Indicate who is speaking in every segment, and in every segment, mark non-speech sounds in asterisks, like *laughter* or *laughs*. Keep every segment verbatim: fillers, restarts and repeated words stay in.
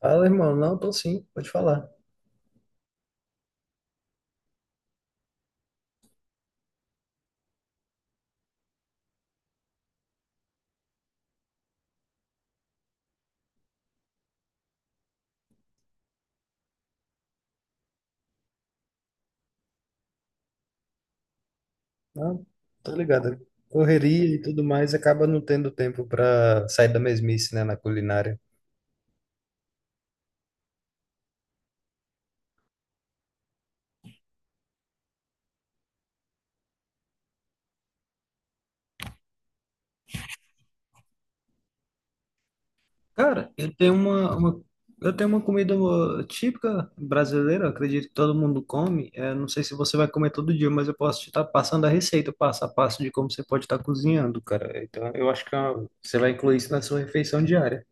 Speaker 1: Fala, irmão. Não, tô sim, pode falar. Não, tô ligado. Correria e tudo mais acaba não tendo tempo pra sair da mesmice, né, na culinária. Cara, eu tenho uma, uma- eu tenho uma comida típica brasileira, eu acredito que todo mundo come. É, não sei se você vai comer todo dia, mas eu posso te estar passando a receita, passo a passo de como você pode estar cozinhando, cara. Então, eu acho que é uma- você vai incluir isso na sua refeição diária.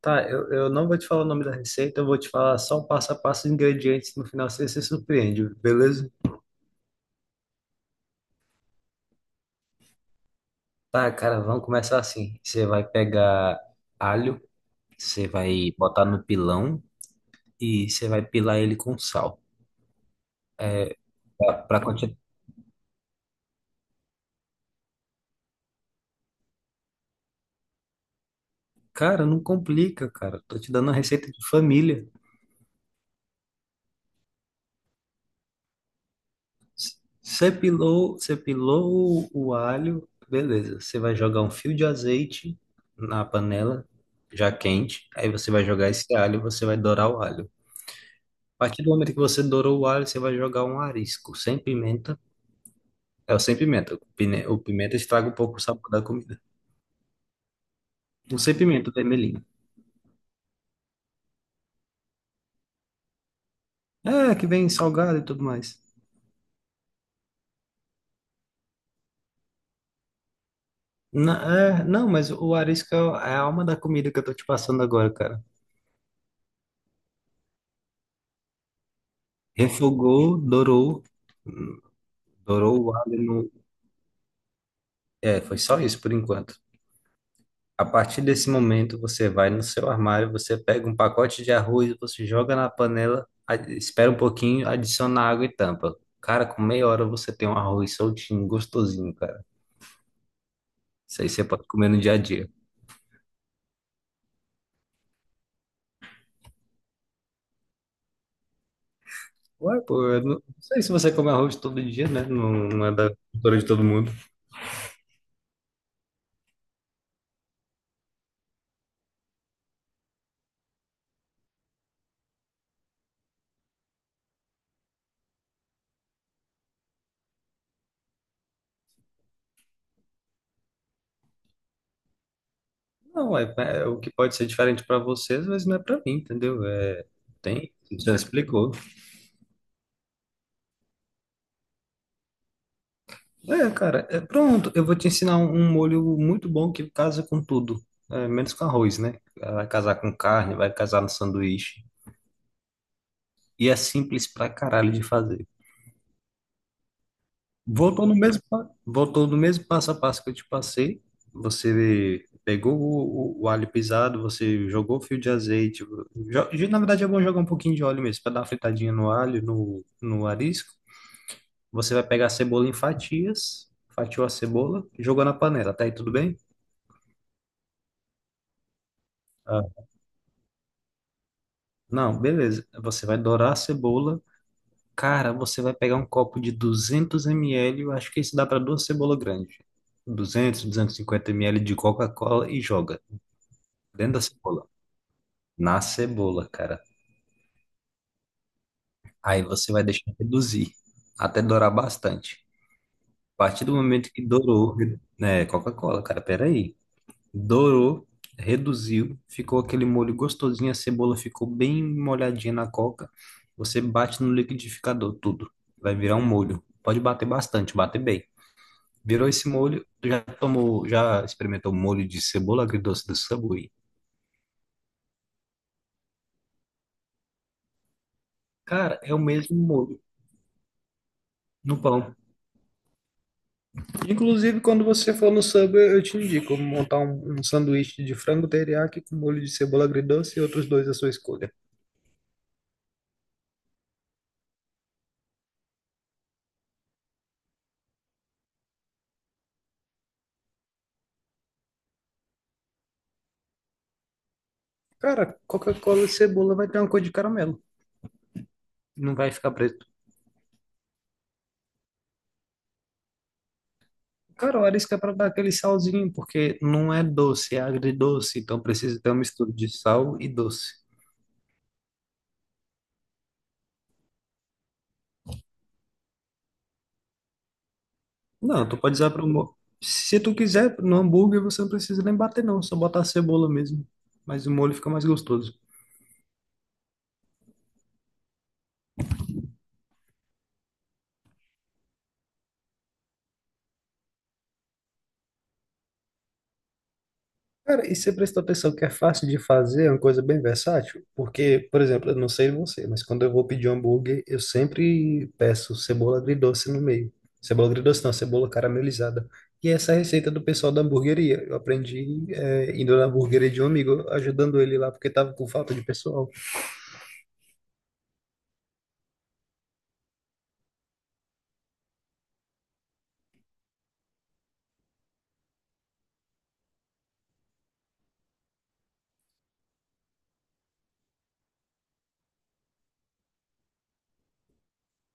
Speaker 1: Tá, eu, eu não vou te falar o nome da receita, eu vou te falar só o passo a passo, os ingredientes, no final você se surpreende, beleza? Tá, cara, vamos começar assim. Você vai pegar alho, você vai botar no pilão e você vai pilar ele com sal. Pra, pra continuar. Cara, não complica, cara. Tô te dando uma receita de família. Você pilou, você pilou o, o alho, beleza. Você vai jogar um fio de azeite na panela, já quente. Aí você vai jogar esse alho, você vai dourar o alho. A partir do momento que você dourou o alho, você vai jogar um arisco sem pimenta. É o sem pimenta. O pine- o pimenta estraga um pouco o sabor da comida. Não sei pimenta vermelhinho. É, que vem salgado e tudo mais. Na- é, não, Mas o arisco é a alma da comida que eu tô te passando agora, cara. Refogou, dourou, dourou o alho no... É, foi só isso por enquanto. A partir desse momento, você vai no seu armário, você pega um pacote de arroz, você joga na panela, a- espera um pouquinho, adiciona água e tampa. Cara, com meia hora você tem um arroz soltinho, gostosinho, cara. Isso aí você pode comer no dia a dia. Ué, pô, eu não não sei se você come arroz todo dia, né? Não, não é da cultura de todo mundo. Não, é, é é o que pode ser diferente para vocês, mas não é para mim, entendeu? É, tem, já explicou. É, cara, é, pronto, eu vou te ensinar um, um molho muito bom que casa com tudo, é, menos com arroz, né? Vai casar com carne, vai casar no sanduíche. E é simples pra caralho de fazer. Voltou no mesmo, pa- voltou no mesmo passo a passo que eu te passei. Você pegou o, o, o alho pisado, você jogou o fio de azeite. Jo- de- na verdade, é bom jogar um pouquinho de óleo mesmo, para dar uma fritadinha no alho, no, no arisco. Você vai pegar a cebola em fatias, fatiou a cebola, jogou na panela. Até aí tudo bem? Ah, não, beleza. Você vai dourar a cebola. Cara, você vai pegar um copo de duzentos mililitros, eu acho que isso dá para duas cebolas grandes. duzentos, duzentos e cinquenta mililitros de Coca-Cola e joga. Dentro da cebola. Na cebola, cara. Aí você vai deixar reduzir, até dourar bastante. A partir do momento que dourou, né, Coca-Cola, cara, peraí. Dourou, reduziu, ficou aquele molho gostosinho, a cebola ficou bem molhadinha na coca. Você bate no liquidificador, tudo. Vai virar um molho. Pode bater bastante, bater bem. Virou esse molho, tu já tomou, já experimentou molho de cebola agridoce do Subway? Cara, é o mesmo molho no pão. Inclusive, quando você for no Subway, eu te indico montar um, um sanduíche de frango teriyaki com molho de cebola agridoce e outros dois à sua escolha. Cara, Coca-Cola e cebola vai ter uma cor de caramelo, não vai ficar preto. Cara, o arisco é para dar aquele salzinho, porque não é doce, é agridoce, então precisa ter uma mistura de sal e doce. Não, tu pode usar para o... Se tu quiser, no hambúrguer você não precisa nem bater não, só botar a cebola mesmo, mas o molho fica mais gostoso. Cara, e você prestou atenção que é fácil de fazer, é uma coisa bem versátil? Porque, por exemplo, eu não sei você, mas quando eu vou pedir um hambúrguer, eu sempre peço cebola agridoce no meio. Cebola agridoce não, cebola caramelizada. E essa é a receita do pessoal da hamburgueria. Eu aprendi, é, indo na hamburgueria de um amigo, ajudando ele lá, porque tava com falta de pessoal.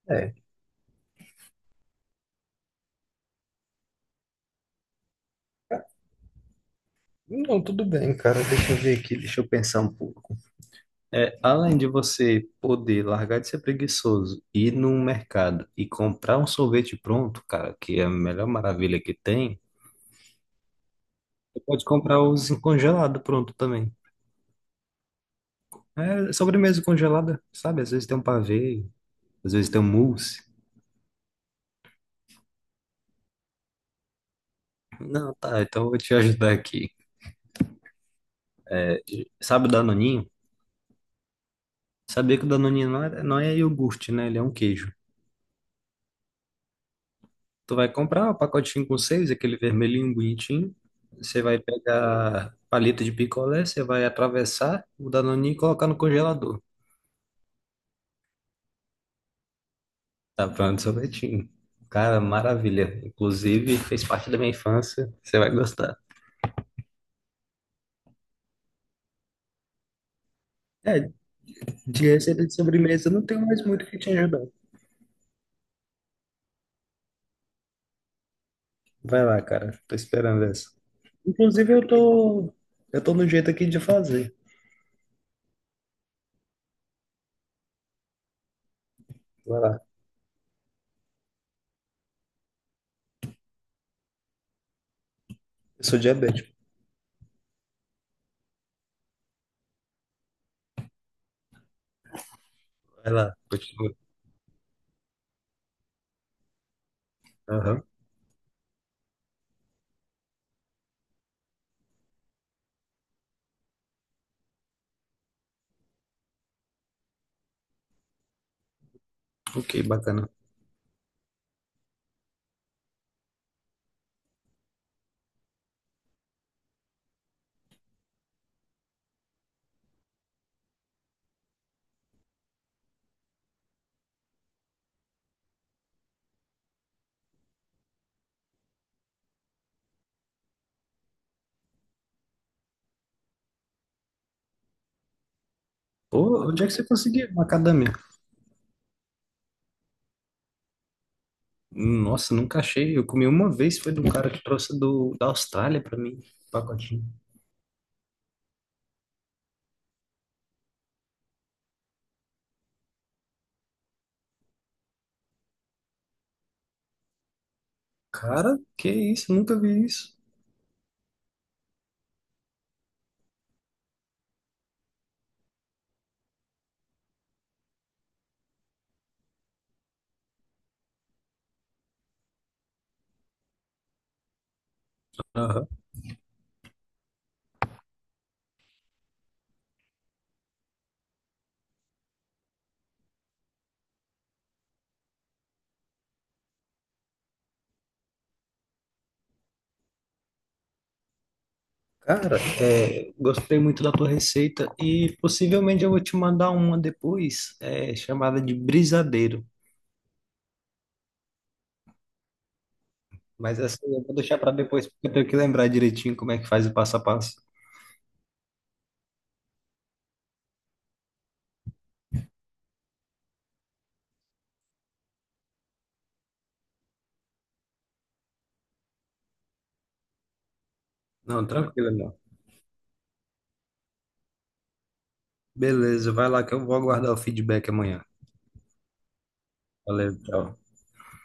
Speaker 1: É, não, tudo bem, cara. Deixa eu ver aqui, deixa eu pensar um pouco. É, além de você poder largar de ser preguiçoso, ir num mercado e comprar um sorvete pronto, cara, que é a melhor maravilha que tem, você pode comprar os congelados pronto também. É sobremesa congelada, sabe? Às vezes tem um pavê, às vezes tem um mousse. Não, tá, então eu vou te *laughs* ajudar aqui. Sabe o Danoninho? Sabia que o Danoninho não é, não é iogurte, né? Ele é um queijo. Tu vai comprar o pacotinho com seis, aquele vermelhinho bonitinho. Você vai pegar palito de picolé, você vai atravessar o danoninho e colocar no congelador. Tá pronto, o sorvetinho. Cara, maravilha. Inclusive, fez parte da minha infância. Você vai gostar. É, de receita de sobremesa, eu não tenho mais muito que te ajudar. Vai lá, cara. Tô esperando essa. Inclusive, eu tô, eu tô no jeito aqui de fazer. Vai lá. Eu sou diabético. Vai lá, continua. Aham. Ok, bacana. Ô, onde é que você conseguiu macadâmia? Nossa, nunca achei. Eu comi uma vez, foi de um cara que trouxe do, da Austrália pra mim, um pacotinho. Cara, que isso? Nunca vi isso. Aham. Cara, é, gostei muito da tua receita e possivelmente eu vou te mandar uma depois, é, chamada de brisadeiro. Mas essa eu vou deixar pra depois, porque eu tenho que lembrar direitinho como é que faz o passo a passo. Não, tranquilo, não. Beleza, vai lá que eu vou aguardar o feedback amanhã. Valeu, tchau.